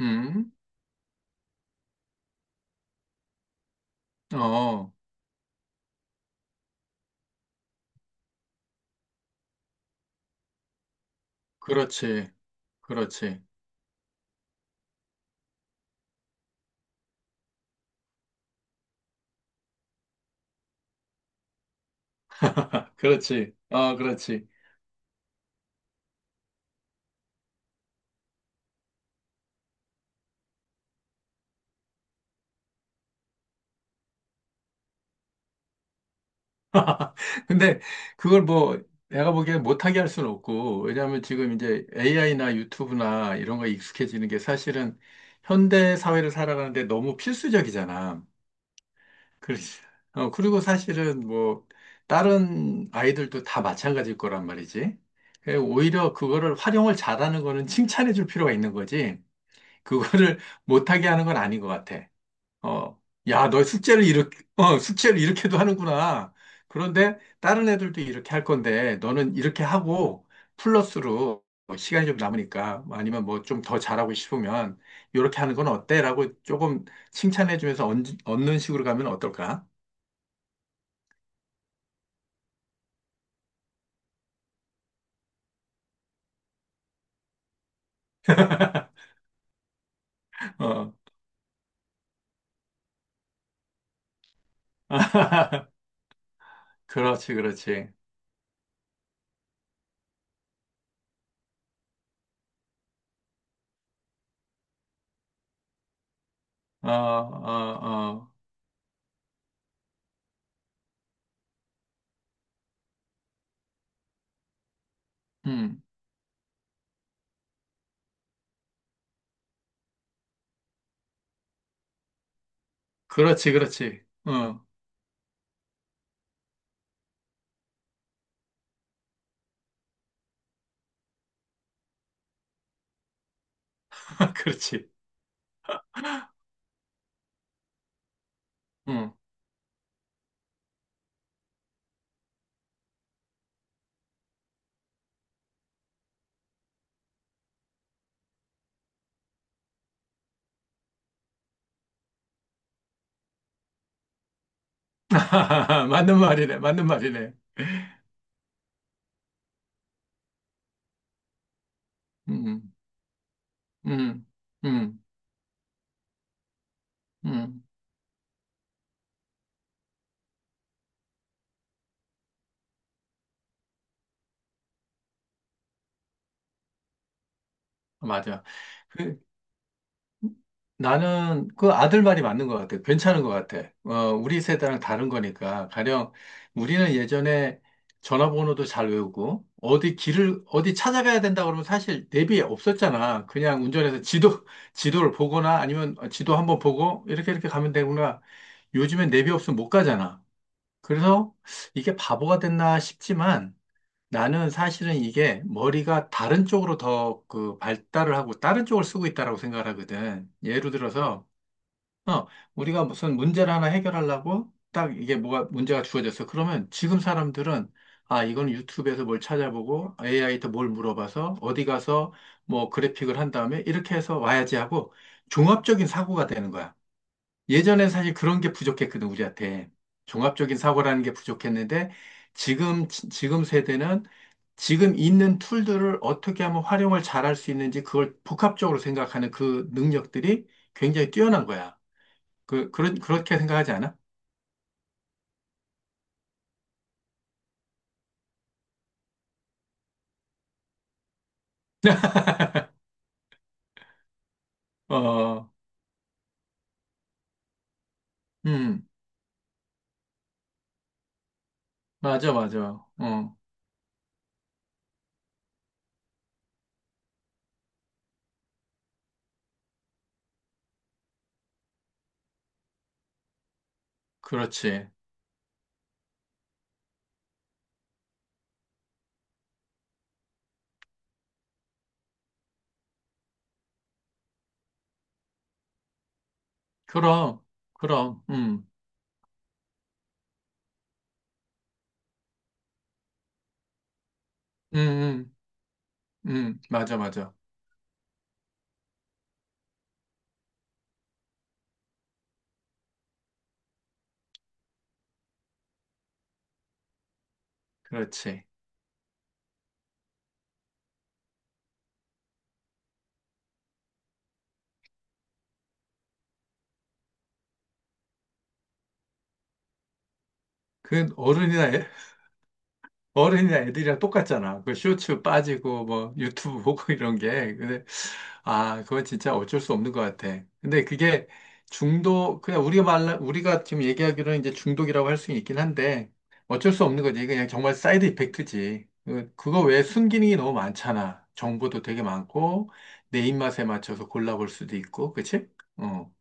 음, 어, 그렇지. 그렇지. 그렇지. 어, 그렇지. 근데 그걸 뭐 내가 보기에 못하게 할 수는 없고, 왜냐하면 지금 이제 AI나 유튜브나 이런 거 익숙해지는 게 사실은 현대 사회를 살아가는데 너무 필수적이잖아. 그렇지. 어, 그리고 사실은 뭐 다른 아이들도 다 마찬가지일 거란 말이지. 예, 오히려 그거를 활용을 잘하는 거는 칭찬해 줄 필요가 있는 거지. 그거를 못하게 하는 건 아닌 것 같아. 어, 야, 너 숙제를 이렇게, 어, 숙제를 이렇게도 하는구나. 그런데 다른 애들도 이렇게 할 건데, 너는 이렇게 하고, 플러스로 뭐 시간이 좀 남으니까, 아니면 뭐 좀 더 잘하고 싶으면, 이렇게 하는 건 어때? 라고 조금 칭찬해주면서 얹, 는 식으로 가면 어떨까? 어, 그렇지, 그렇지. 어, 어, 어, 음, 그렇지, 그렇지. 어, 그렇지. 음. 맞는 말이네, 맞는 말이네. 음, 음, 음, 음. 맞아. 그, 나는 그 아들 말이 맞는 것 같아. 괜찮은 것 같아. 어, 우리 세대랑 다른 거니까. 가령 우리는 예전에 전화번호도 잘 외우고, 어디 길을, 어디 찾아가야 된다 그러면 사실 내비 없었잖아. 그냥 운전해서 지도, 지도를 보거나 아니면 지도 한번 보고, 이렇게 이렇게 가면 되구나. 요즘엔 내비 없으면 못 가잖아. 그래서 이게 바보가 됐나 싶지만, 나는 사실은 이게 머리가 다른 쪽으로 더 그 발달을 하고 다른 쪽을 쓰고 있다라고 생각을 하거든. 예를 들어서, 어, 우리가 무슨 문제를 하나 해결하려고 딱 이게 뭐가 문제가 주어졌어. 그러면 지금 사람들은 아, 이건 유튜브에서 뭘 찾아보고 AI한테 뭘 물어봐서 어디 가서 뭐 그래픽을 한 다음에 이렇게 해서 와야지 하고 종합적인 사고가 되는 거야. 예전엔 사실 그런 게 부족했거든, 우리한테. 종합적인 사고라는 게 부족했는데, 지금 세대는 지금 있는 툴들을 어떻게 하면 활용을 잘할 수 있는지 그걸 복합적으로 생각하는 그 능력들이 굉장히 뛰어난 거야. 그렇게 생각하지 않아? 어, 음, 맞아, 맞아. 어, 그렇지. 그럼, 그럼, 음, 음, 맞아, 맞아. 그렇지. 그 어른이나 애들이랑 똑같잖아. 그 쇼츠 빠지고 뭐 유튜브 보고 이런 게. 근데 아, 그건 진짜 어쩔 수 없는 것 같아. 근데 그게 중독 그냥 우리가 지금 얘기하기로는 이제 중독이라고 할 수 있긴 한데 어쩔 수 없는 거지. 그냥 정말 사이드 이펙트지. 그거 외에 순기능이 너무 많잖아. 정보도 되게 많고 내 입맛에 맞춰서 골라볼 수도 있고. 그치? 어.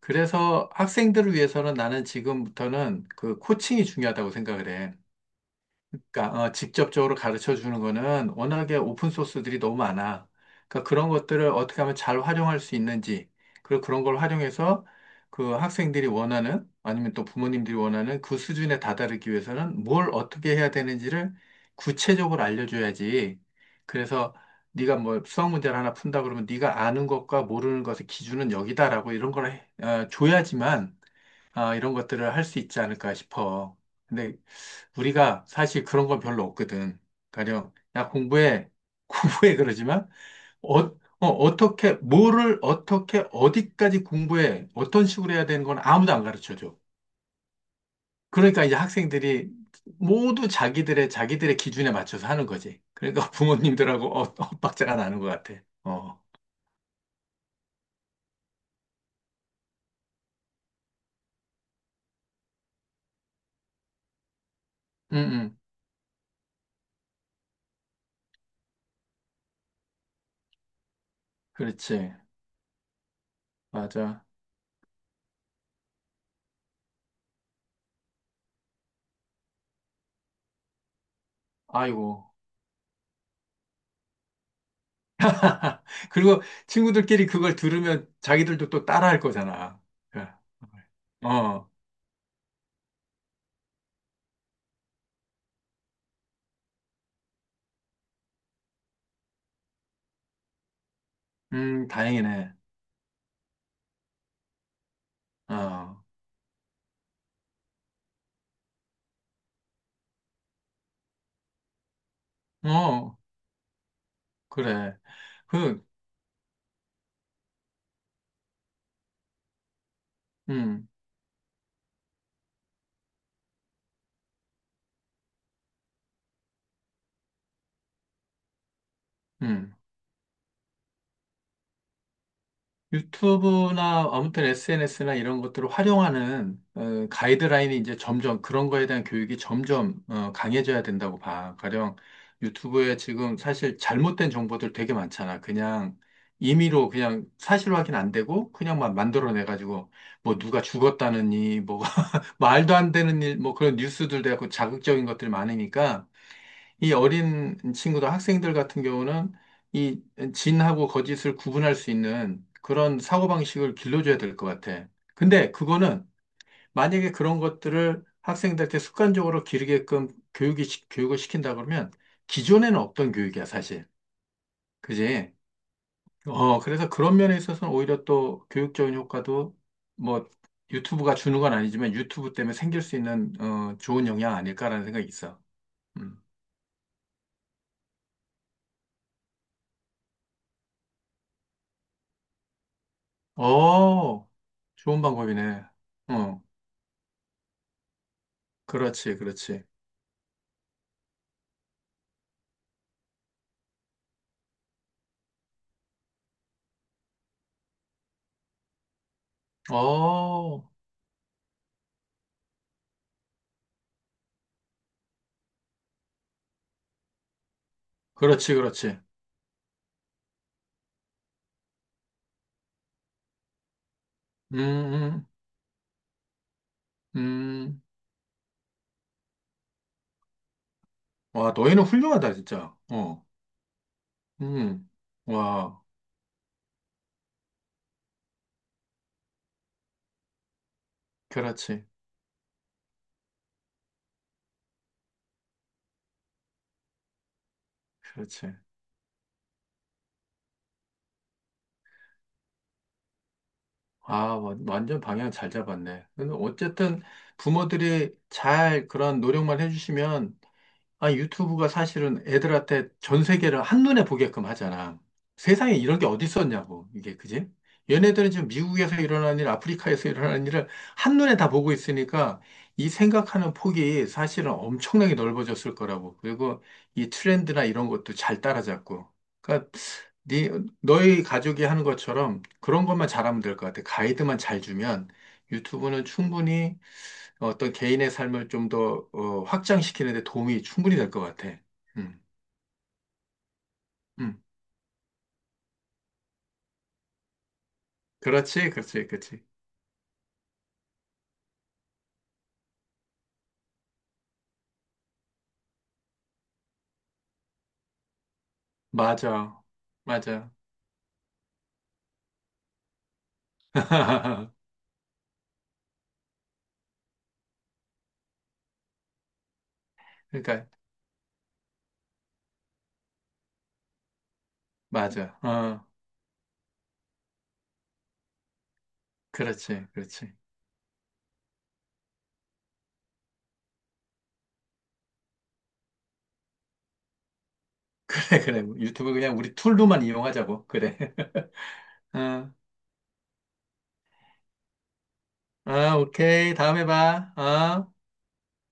그래서 학생들을 위해서는 나는 지금부터는 그 코칭이 중요하다고 생각을 해. 그러니까 어, 직접적으로 가르쳐 주는 거는 워낙에 오픈 소스들이 너무 많아. 그러니까 그런 것들을 어떻게 하면 잘 활용할 수 있는지, 그리고 그런 걸 활용해서 그 학생들이 원하는 아니면 또 부모님들이 원하는 그 수준에 다다르기 위해서는 뭘 어떻게 해야 되는지를 구체적으로 알려줘야지. 그래서 네가 뭐 수학 문제를 하나 푼다 그러면 네가 아는 것과 모르는 것의 기준은 여기다라고 이런 걸 줘야지만 아, 이런 것들을 할 수 있지 않을까 싶어. 근데 우리가 사실 그런 건 별로 없거든. 가령, 야, 공부해. 공부해. 그러지만, 어, 어, 어떻게, 뭐를 어떻게, 어디까지 공부해. 어떤 식으로 해야 되는 건 아무도 안 가르쳐 줘. 그러니까 이제 학생들이 모두 자기들의 기준에 맞춰서 하는 거지. 그러니까 부모님들하고 엇박자가 나는 것 같아. 어, 응, 응. 그렇지. 맞아. 아이고. 그리고 친구들끼리 그걸 들으면 자기들도 또 따라할 거잖아. 그래. 어, 다행이네. 어, 어, 그래. 그, 음, 음. 유튜브나 아무튼 SNS나 이런 것들을 활용하는 어, 가이드라인이 이제 점점 그런 거에 대한 교육이 점점 어, 강해져야 된다고 봐. 가령 유튜브에 지금 사실 잘못된 정보들 되게 많잖아. 그냥 임의로 그냥 사실 확인 안 되고 그냥 막 만들어내가지고 뭐 누가 죽었다느니 뭐 말도 안 되는 일 뭐 그런 뉴스들 돼갖고 자극적인 것들이 많으니까 이 어린 친구들, 학생들 같은 경우는 이 진하고 거짓을 구분할 수 있는 그런 사고방식을 길러줘야 될 것 같아. 근데 그거는 만약에 그런 것들을 학생들한테 습관적으로 기르게끔 교육이, 교육을 시킨다 그러면 기존에는 없던 교육이야, 사실. 그지? 어, 그래서 그런 면에 있어서는 오히려 또 교육적인 효과도 뭐 유튜브가 주는 건 아니지만 유튜브 때문에 생길 수 있는 어, 좋은 영향 아닐까라는 생각이 있어. 음. 어, 좋은 방법이네. 어, 그렇지, 그렇지. 어, 그렇지, 그렇지. 음, 음, 음. 와, 너희는 훌륭하다, 진짜. 어, 음. 와, 그렇지, 그렇지. 아, 완전 방향 잘 잡았네. 근데 어쨌든 부모들이 잘 그런 노력만 해주시면 아, 유튜브가 사실은 애들한테 전 세계를 한눈에 보게끔 하잖아. 세상에 이런 게 어디 있었냐고, 이게, 그지? 얘네들은 지금 미국에서 일어나는 일, 아프리카에서 일어나는 일을 한눈에 다 보고 있으니까 이 생각하는 폭이 사실은 엄청나게 넓어졌을 거라고. 그리고 이 트렌드나 이런 것도 잘 따라잡고. 그러니까 네, 너희 가족이 하는 것처럼 그런 것만 잘하면 될 것 같아. 가이드만 잘 주면 유튜브는 충분히 어떤 개인의 삶을 좀더 어, 확장시키는 데 도움이 충분히 될 것 같아. 음, 음. 그렇지, 그렇지, 그렇지. 맞아, 맞아. 그러니까, 맞아. 어, 그렇지, 그렇지. 그래, 그래. 유튜브 그냥 우리 툴로만 이용하자고. 그래. 어, 어, 오케이. 다음에 봐. 어.